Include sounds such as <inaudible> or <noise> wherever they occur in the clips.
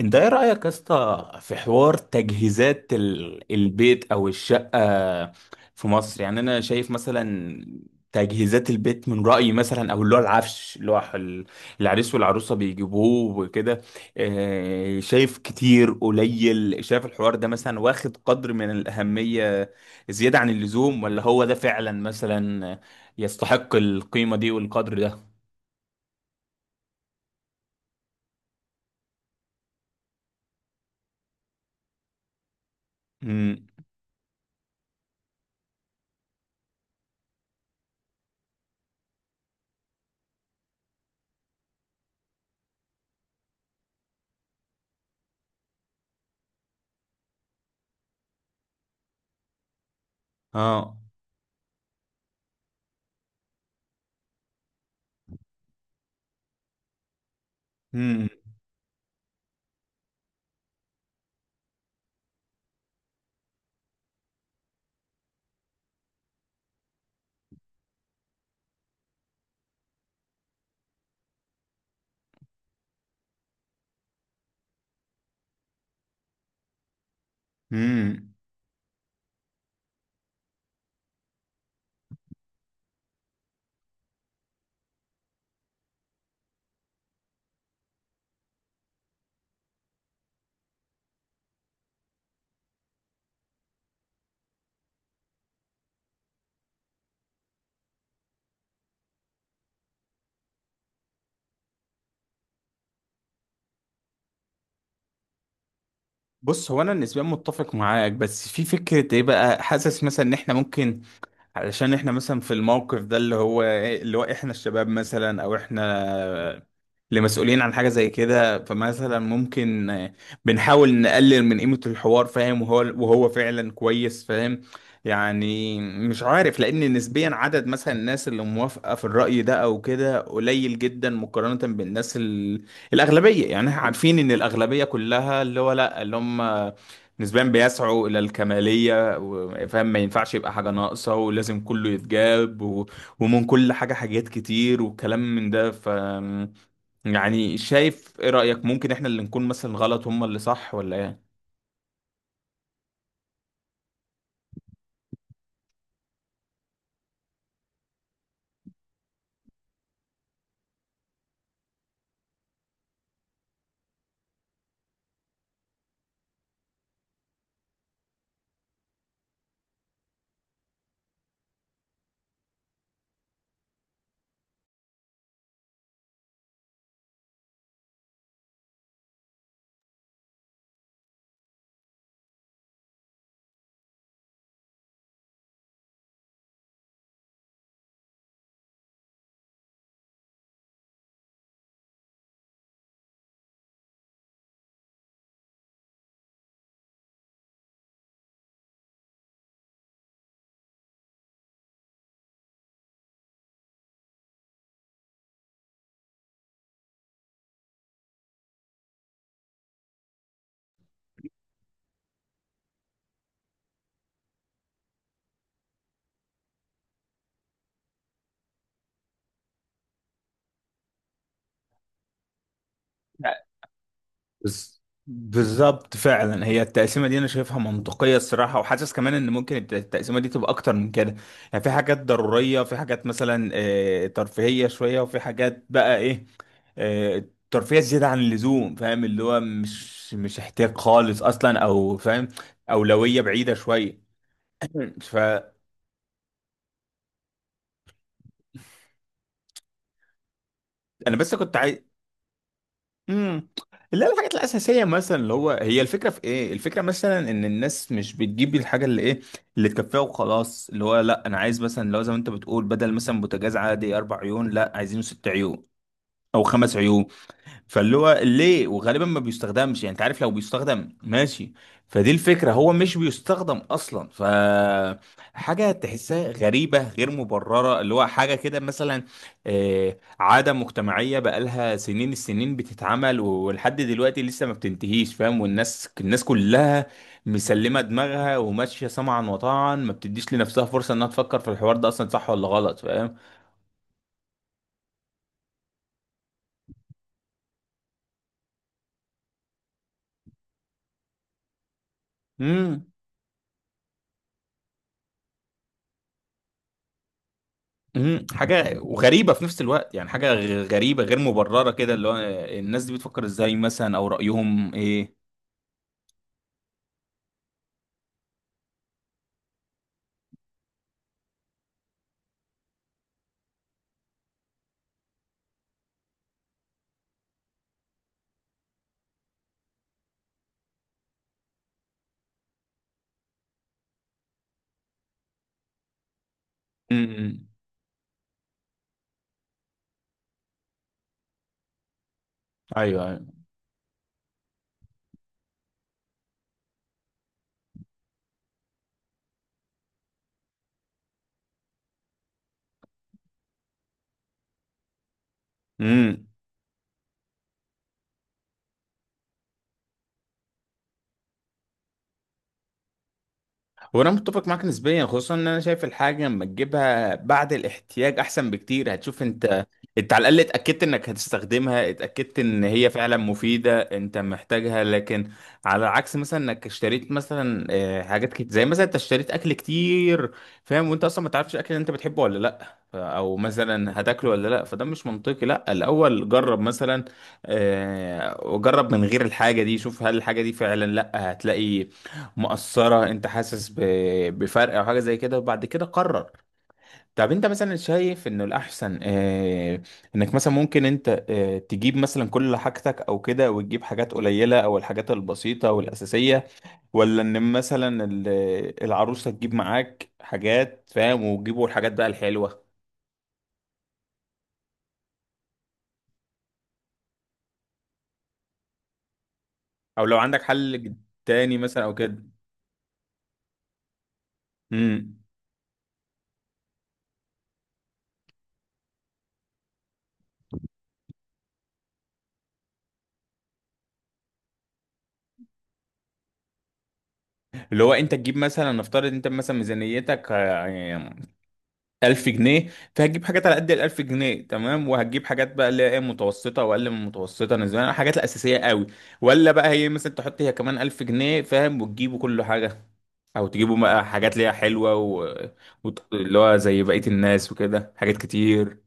انت ايه رأيك يا اسطى في حوار تجهيزات البيت او الشقة في مصر يعني انا شايف مثلا تجهيزات البيت من رأيي مثلا او اللي هو العفش اللي هو العريس والعروسة بيجيبوه وكده. اه، شايف كتير قليل، شايف الحوار ده مثلا واخد قدر من الأهمية زيادة عن اللزوم ولا هو ده فعلا مثلا يستحق القيمة دي والقدر ده؟ امم اه امم بص، هو انا نسبيا متفق معاك، بس في فكره، ايه بقى، حاسس مثلا ان احنا ممكن، علشان احنا مثلا في الموقف ده اللي هو إيه، اللي هو احنا الشباب مثلا او احنا لمسؤولين عن حاجة زي كده، فمثلا ممكن آه، بنحاول نقلل من قيمة الحوار، فاهم؟ وهو فعلا كويس، فاهم؟ يعني مش عارف، لأن نسبيا عدد مثلا الناس اللي موافقة في الرأي ده أو كده قليل جدا مقارنة بالناس ال... الأغلبية. يعني احنا عارفين إن الأغلبية كلها اللي هو لأ، اللي هم نسبيا بيسعوا إلى الكمالية فاهم، ما ينفعش يبقى حاجة ناقصة ولازم كله يتجاب و... ومن كل حاجة، حاجات كتير وكلام من ده. ف يعني شايف، ايه رأيك، ممكن احنا اللي نكون مثلا غلط، هم اللي صح، ولا ايه؟ لا، بالظبط فعلا، هي التقسيمه دي انا شايفها منطقيه الصراحه، وحاسس كمان ان ممكن التقسيمه دي تبقى اكتر من كده. يعني في حاجات ضروريه، في حاجات مثلا آه، ترفيهيه شويه، وفي حاجات بقى ايه، آه، ترفيه زياده عن اللزوم، فاهم؟ اللي هو مش مش احتياج خالص اصلا، او فاهم، اولويه بعيده شويه. <clears throat> فانا بس كنت عايز، امم لا، الحاجات الاساسيه مثلا، اللي هو هي الفكره في ايه، الفكره مثلا ان الناس مش بتجيب الحاجه اللي ايه، اللي تكفيها وخلاص. اللي هو لا، انا عايز مثلا، لو زي ما انت بتقول، بدل مثلا بوتاجاز عادي اربع عيون، لا عايزينه ست عيون او خمس عيون. فاللي هو ليه، وغالبا ما بيستخدمش؟ يعني انت عارف، لو بيستخدم ماشي، فدي الفكرة، هو مش بيستخدم اصلا. ف حاجة تحسها غريبة غير مبررة، اللي هو حاجة كده مثلا آه، عادة مجتمعية بقالها سنين، السنين بتتعمل ولحد دلوقتي لسه ما بتنتهيش، فاهم؟ والناس كلها مسلمة دماغها وماشية سمعا وطاعا، ما بتديش لنفسها فرصة انها تفكر في الحوار ده اصلا صح ولا غلط. فاهم، مم، حاجة وغريبة في نفس الوقت، يعني حاجة غريبة غير مبررة كده، اللي هو الناس دي بتفكر ازاي مثلا، او رأيهم ايه؟ امم، ايوه ايوه، امم. هو انا متفق معاك نسبيا، خصوصا ان انا شايف الحاجه لما تجيبها بعد الاحتياج احسن بكتير، هتشوف انت. انت على الاقل اتاكدت انك هتستخدمها، اتاكدت ان هي فعلا مفيده، انت محتاجها. لكن على عكس مثلا، انك اشتريت مثلا آه، حاجات كتير، زي مثلا انت اشتريت اكل كتير، فاهم، وانت اصلا ما تعرفش الاكل اللي انت بتحبه ولا لا، او مثلا هتاكله ولا لا. فده مش منطقي، لا الاول جرب مثلا آه، وجرب من غير الحاجه دي، شوف هل الحاجه دي فعلا لا هتلاقي مؤثرة، انت حاسس بفرق او حاجة زي كده، وبعد كده قرر. طب انت مثلا شايف انه الاحسن، اه، انك مثلا ممكن انت اه تجيب مثلا كل حاجتك او كده، وتجيب حاجات قليلة او الحاجات البسيطة والاساسية، ولا ان مثلا العروسة تجيب معاك حاجات، فاهم، وتجيبوا الحاجات بقى الحلوة؟ او لو عندك حل تاني مثلا او كده. امم، اللي هو انت تجيب مثلا، نفترض انت مثلا ميزانيتك آه، 1000 جنيه، فهتجيب حاجات على قد ال 1000 جنيه، تمام، وهتجيب حاجات بقى اللي هي إيه، متوسطه واقل من متوسطه نسبيا، الحاجات الاساسيه قوي. ولا بقى هي مثلا تحط هي كمان 1000 جنيه، فاهم، وتجيبوا كل حاجه، او تجيبوا بقى حاجات اللي هي حلوه و... اللي هو زي بقيه الناس وكده، حاجات كتير.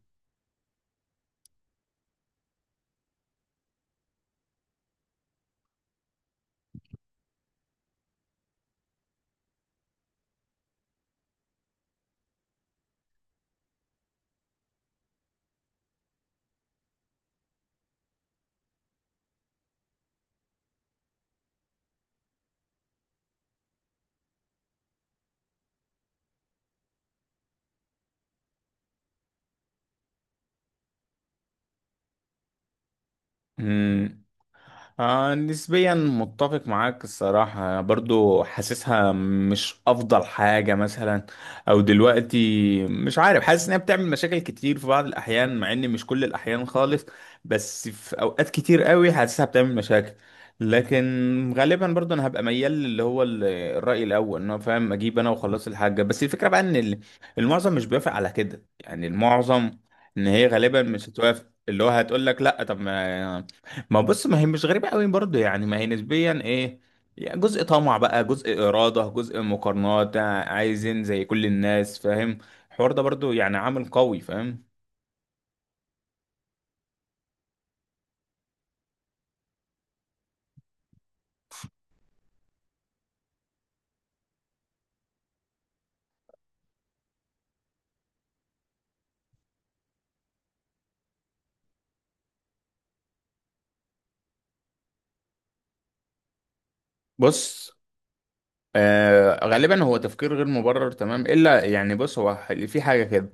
امم، آه نسبيا متفق معاك الصراحة، برضو حاسسها مش أفضل حاجة مثلا أو دلوقتي، مش عارف، حاسس إنها بتعمل مشاكل كتير في بعض الأحيان، مع إن مش كل الأحيان خالص، بس في أوقات كتير قوي حاسسها بتعمل مشاكل. لكن غالبا برضو أنا هبقى ميال اللي هو الرأي الأول، إن هو فاهم، أجيب أنا وخلاص الحاجة. بس الفكرة بقى إن المعظم مش بيوافق على كده، يعني المعظم إن هي غالبا مش هتوافق، اللي هو هتقول لك لا، طب ما، ما بص، ما هي مش غريبة قوي برضه، يعني ما هي نسبيا ايه، يعني جزء طمع بقى، جزء إرادة، جزء مقارنات، عايزين زي كل الناس، فاهم؟ الحوار ده برضه يعني عامل قوي، فاهم؟ بص آه، غالبا هو تفكير غير مبرر تمام، الا يعني بص، هو في حاجة كده،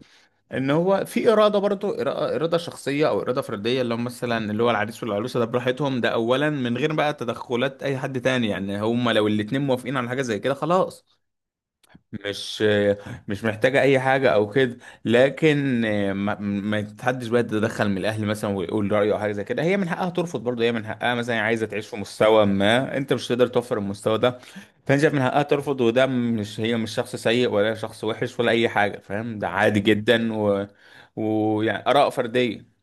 ان هو في إرادة برضه، إرادة شخصية او إرادة فردية، اللي هم مثلا اللي هو العريس والعروسة ده براحتهم، ده اولا، من غير بقى تدخلات اي حد تاني. يعني هم لو الاتنين موافقين على حاجة زي كده خلاص، مش مش محتاجة أي حاجة أو كده. لكن ما تحدش بقى تتدخل من الأهل مثلا ويقول رأيه أو حاجة زي كده. هي من حقها ترفض برضه، هي من حقها مثلا عايزة تعيش في مستوى، ما أنت مش تقدر توفر المستوى ده، فأنت شايف من حقها ترفض. وده مش، هي مش شخص سيء ولا شخص وحش ولا أي حاجة، فاهم؟ ده عادي جدا و... ويعني آراء فردية.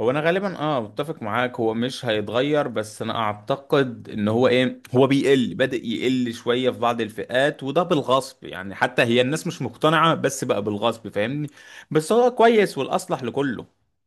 هو انا غالبا اه متفق معاك، هو مش هيتغير، بس انا اعتقد ان هو ايه، هو بيقل، بدأ يقل شوية في بعض الفئات، وده بالغصب، يعني حتى هي الناس مش مقتنعة، بس بقى بالغصب، فاهمني؟ بس هو كويس والاصلح لكله.